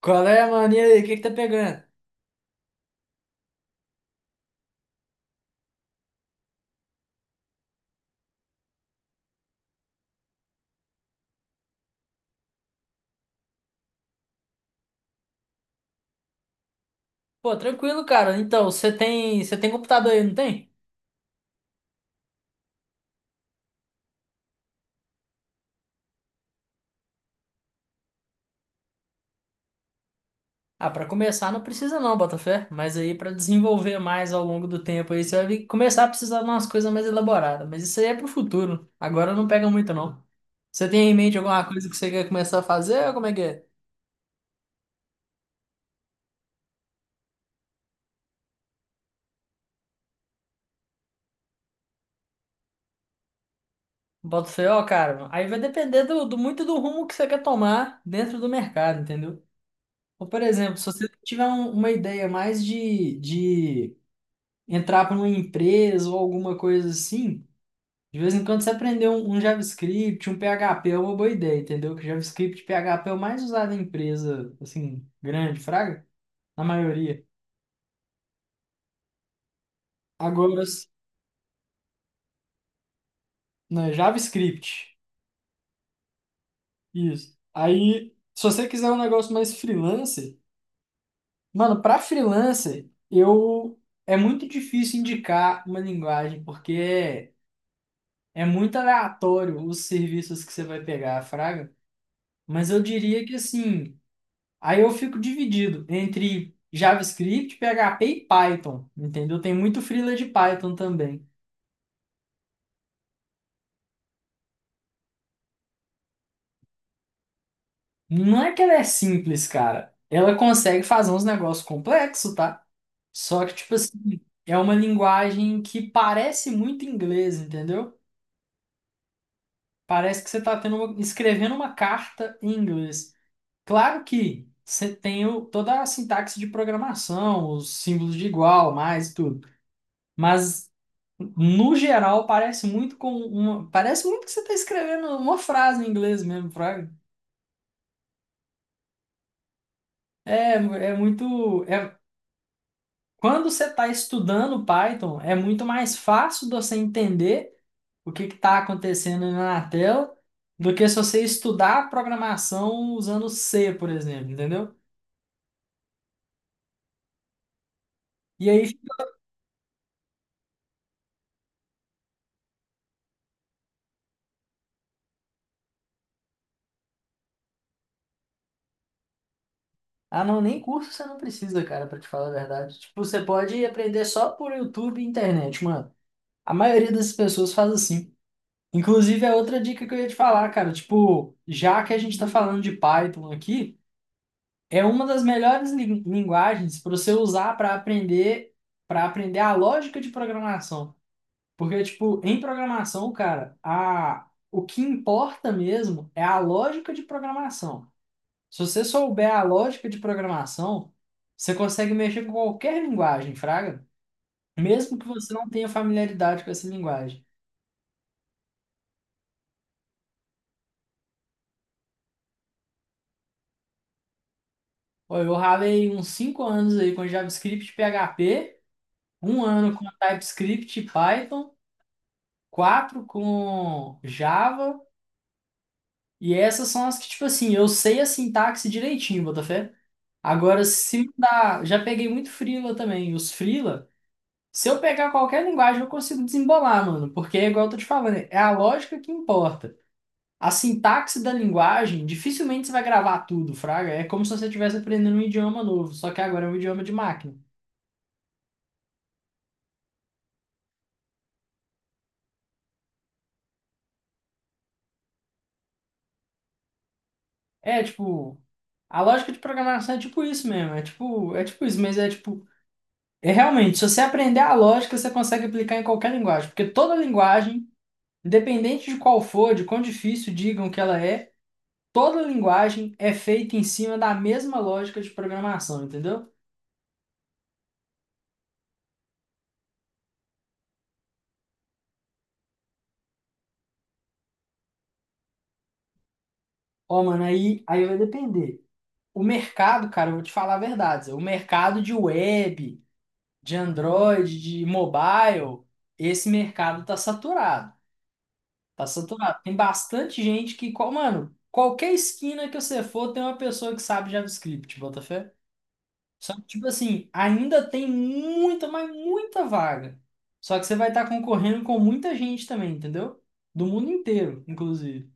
Qual é, mano? E aí, o que que tá pegando? Pô, tranquilo, cara. Então, você tem computador aí, não tem? Ah, pra começar não precisa não, Botafé. Mas aí pra desenvolver mais ao longo do tempo aí, começar a precisar de umas coisas mais elaboradas. Mas isso aí é pro futuro. Agora não pega muito não. Você tem em mente alguma coisa que você quer começar a fazer ou como é que é? Botafé, ó, cara. Aí vai depender muito do rumo que você quer tomar dentro do mercado, entendeu? Ou, por exemplo, se você tiver uma ideia mais de entrar para uma empresa ou alguma coisa assim, de vez em quando você aprender um JavaScript, um PHP é uma boa ideia, entendeu? Que JavaScript e PHP é o mais usado em empresa, assim, grande, fraga, na maioria. Agora, s- né, JavaScript, isso. Aí, se você quiser um negócio mais freelancer, mano, para freelancer, eu... É muito difícil indicar uma linguagem, é muito aleatório os serviços que você vai pegar, fraga. Mas eu diria que, assim, aí eu fico dividido entre JavaScript, PHP e Python, entendeu? Tem muito freela de Python também. Não é que ela é simples, cara. Ela consegue fazer uns negócios complexos, tá? Só que, tipo assim, é uma linguagem que parece muito inglês, entendeu? Parece que você tá tendo uma- escrevendo uma carta em inglês. Claro que toda a sintaxe de programação, os símbolos de igual, mais e tudo. Mas no geral, parece muito com uma. Parece muito que você está escrevendo uma frase em inglês mesmo, fraga. É, é muito. É, Quando você está estudando Python, é muito mais fácil de você entender o que está acontecendo na tela do que se você estudar programação usando C, por exemplo, entendeu? E aí, ah, não, nem curso você não precisa, cara, para te falar a verdade. Tipo, você pode aprender só por YouTube e internet, mano. A maioria das pessoas faz assim. Inclusive, é outra dica que eu ia te falar, cara. Tipo, já que a gente está falando de Python aqui, é uma das linguagens para você usar para aprender a lógica de programação. Porque, tipo, em programação, cara, o que importa mesmo é a lógica de programação. Se você souber a lógica de programação, você consegue mexer com qualquer linguagem, fraga. Mesmo que você não tenha familiaridade com essa linguagem. Ó, eu ralei uns 5 anos aí com JavaScript e PHP, 1 ano com TypeScript e Python, 4 com Java, e essas são as que, tipo assim, eu sei a sintaxe direitinho, Botafé. Agora, se dá, já peguei muito freela também, os freela, se eu pegar qualquer linguagem eu consigo desembolar, mano, porque é igual eu tô te falando, é a lógica que importa. A sintaxe da linguagem, dificilmente você vai gravar tudo, fraga. É como se você estivesse aprendendo um idioma novo, só que agora é um idioma de máquina. É, tipo, A lógica de programação é tipo isso mesmo, é realmente, se você aprender a lógica, você consegue aplicar em qualquer linguagem, porque toda linguagem, independente de qual for, de quão difícil digam que ela é, toda linguagem é feita em cima da mesma lógica de programação, entendeu? Ó, mano, aí vai depender. O mercado, cara, eu vou te falar a verdade, Zé, o mercado de web, de Android, de mobile, esse mercado tá saturado. Tá saturado. Tem bastante gente que, mano, qualquer esquina que você for, tem uma pessoa que sabe JavaScript, Botafé. Só que, tipo assim, ainda tem muita, mas muita vaga. Só que você vai estar concorrendo com muita gente também, entendeu? Do mundo inteiro, inclusive.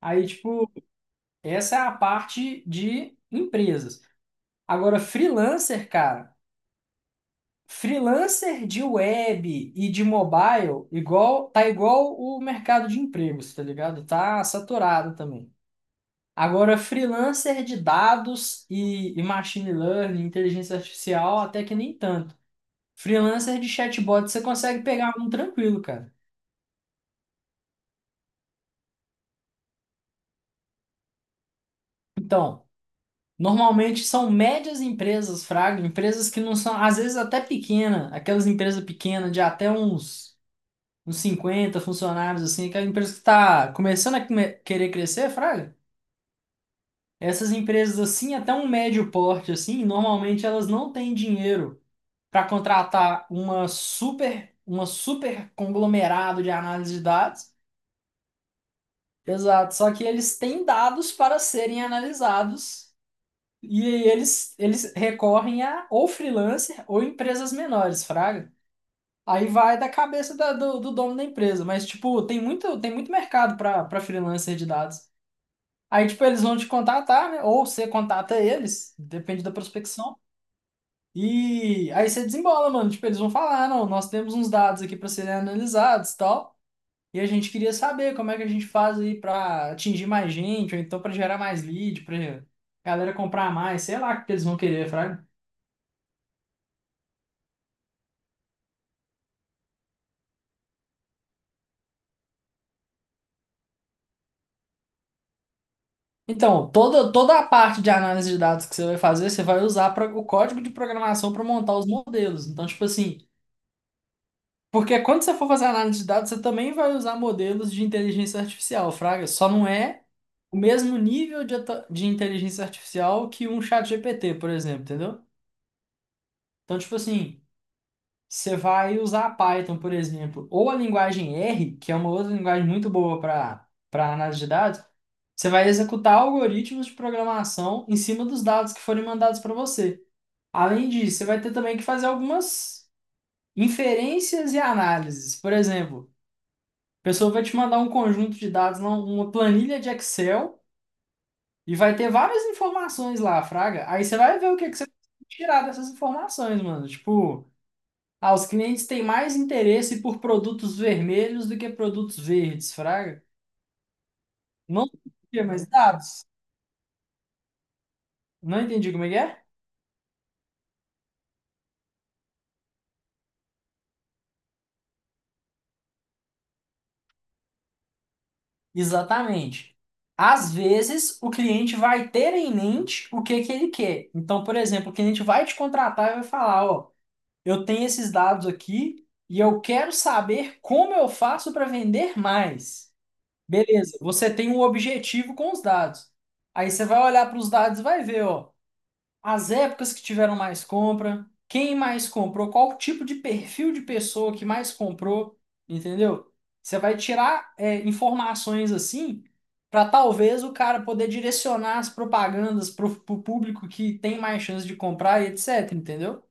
Aí, tipo, essa é a parte de empresas. Agora, freelancer, cara, freelancer de web e de mobile, igual, tá igual o mercado de empregos, tá ligado? Tá saturado também. Agora, freelancer de dados e machine learning, inteligência artificial, até que nem tanto. Freelancer de chatbot, você consegue pegar um tranquilo, cara. Então, normalmente são médias empresas, fraga, empresas que não são, às vezes até pequena, aquelas empresas pequenas de até uns 50 funcionários, assim, aquela empresa que está querer crescer, fraga. Essas empresas, assim, até um médio porte, assim, normalmente elas não têm dinheiro para contratar uma super conglomerado de análise de dados. Exato, só que eles têm dados para serem analisados e aí eles recorrem a ou freelancer ou empresas menores, fraga. Aí vai da do dono da empresa, mas tipo, tem muito mercado para freelancer de dados. Aí tipo, eles vão te contatar, né? Ou você contata eles, depende da prospecção. E aí você desembola, mano. Tipo, eles vão falar, não, nós temos uns dados aqui para serem analisados, e tal. E a gente queria saber como é que a gente faz aí para atingir mais gente, ou então para gerar mais lead, para galera comprar mais, sei lá o que eles vão querer, fraga. Então, toda a parte de análise de dados que você vai fazer, você vai o código de programação para montar os modelos. Então, tipo assim, porque quando você for fazer análise de dados, você também vai usar modelos de inteligência artificial, fraga. Só não é o mesmo nível de inteligência artificial que um chat GPT, por exemplo, entendeu? Então, tipo assim, você vai usar Python, por exemplo, ou a linguagem R, que é uma outra linguagem muito boa para análise de dados, você vai executar algoritmos de programação em cima dos dados que forem mandados para você. Além disso, você vai ter também que fazer algumas inferências e análises. Por exemplo, a pessoa vai te mandar um conjunto de dados, não- uma planilha de Excel, e vai ter várias informações lá, fraga. Aí você vai ver o que que você consegue tirar dessas informações, mano. Tipo, ah, os clientes têm mais interesse por produtos vermelhos do que produtos verdes, fraga. Não entendi, mas dados. Não entendi como é que é? Exatamente. Às vezes, o cliente vai ter em mente o que que ele quer. Então, por exemplo, o cliente vai te contratar e vai falar, ó, eu tenho esses dados aqui e eu quero saber como eu faço para vender mais. Beleza, você tem um objetivo com os dados. Aí você vai olhar para os dados e vai ver, ó, as épocas que tiveram mais compra, quem mais comprou, qual tipo de perfil de pessoa que mais comprou, entendeu? Você vai tirar, é, informações assim para talvez o cara poder direcionar as propagandas para o público que tem mais chance de comprar e etc, entendeu?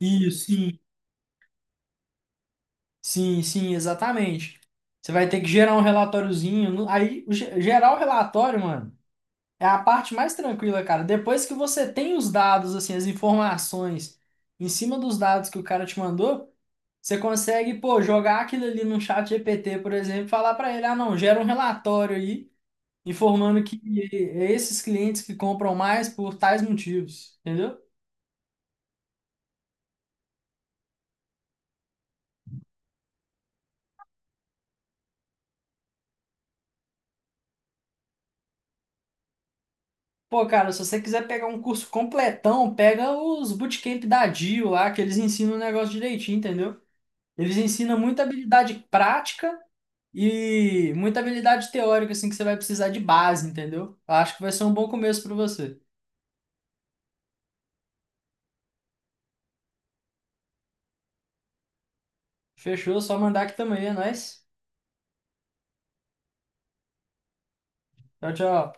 Isso, sim, sim, exatamente. Você vai ter que gerar um relatóriozinho. Aí, gerar o relatório, mano, é a parte mais tranquila, cara. Depois que você tem os dados, assim, as informações em cima dos dados que o cara te mandou, você consegue, pô, jogar aquilo ali no chat GPT, por exemplo, e falar pra ele, ah, não, gera um relatório aí, informando que é esses clientes que compram mais por tais motivos, entendeu? Pô, cara, se você quiser pegar um curso completão, pega os bootcamp da DIU lá, que eles ensinam o negócio direitinho, entendeu? Eles ensinam muita habilidade prática e muita habilidade teórica, assim, que você vai precisar de base, entendeu? Eu acho que vai ser um bom começo pra você. Fechou? Só mandar aqui também, é nóis. Tchau, tchau.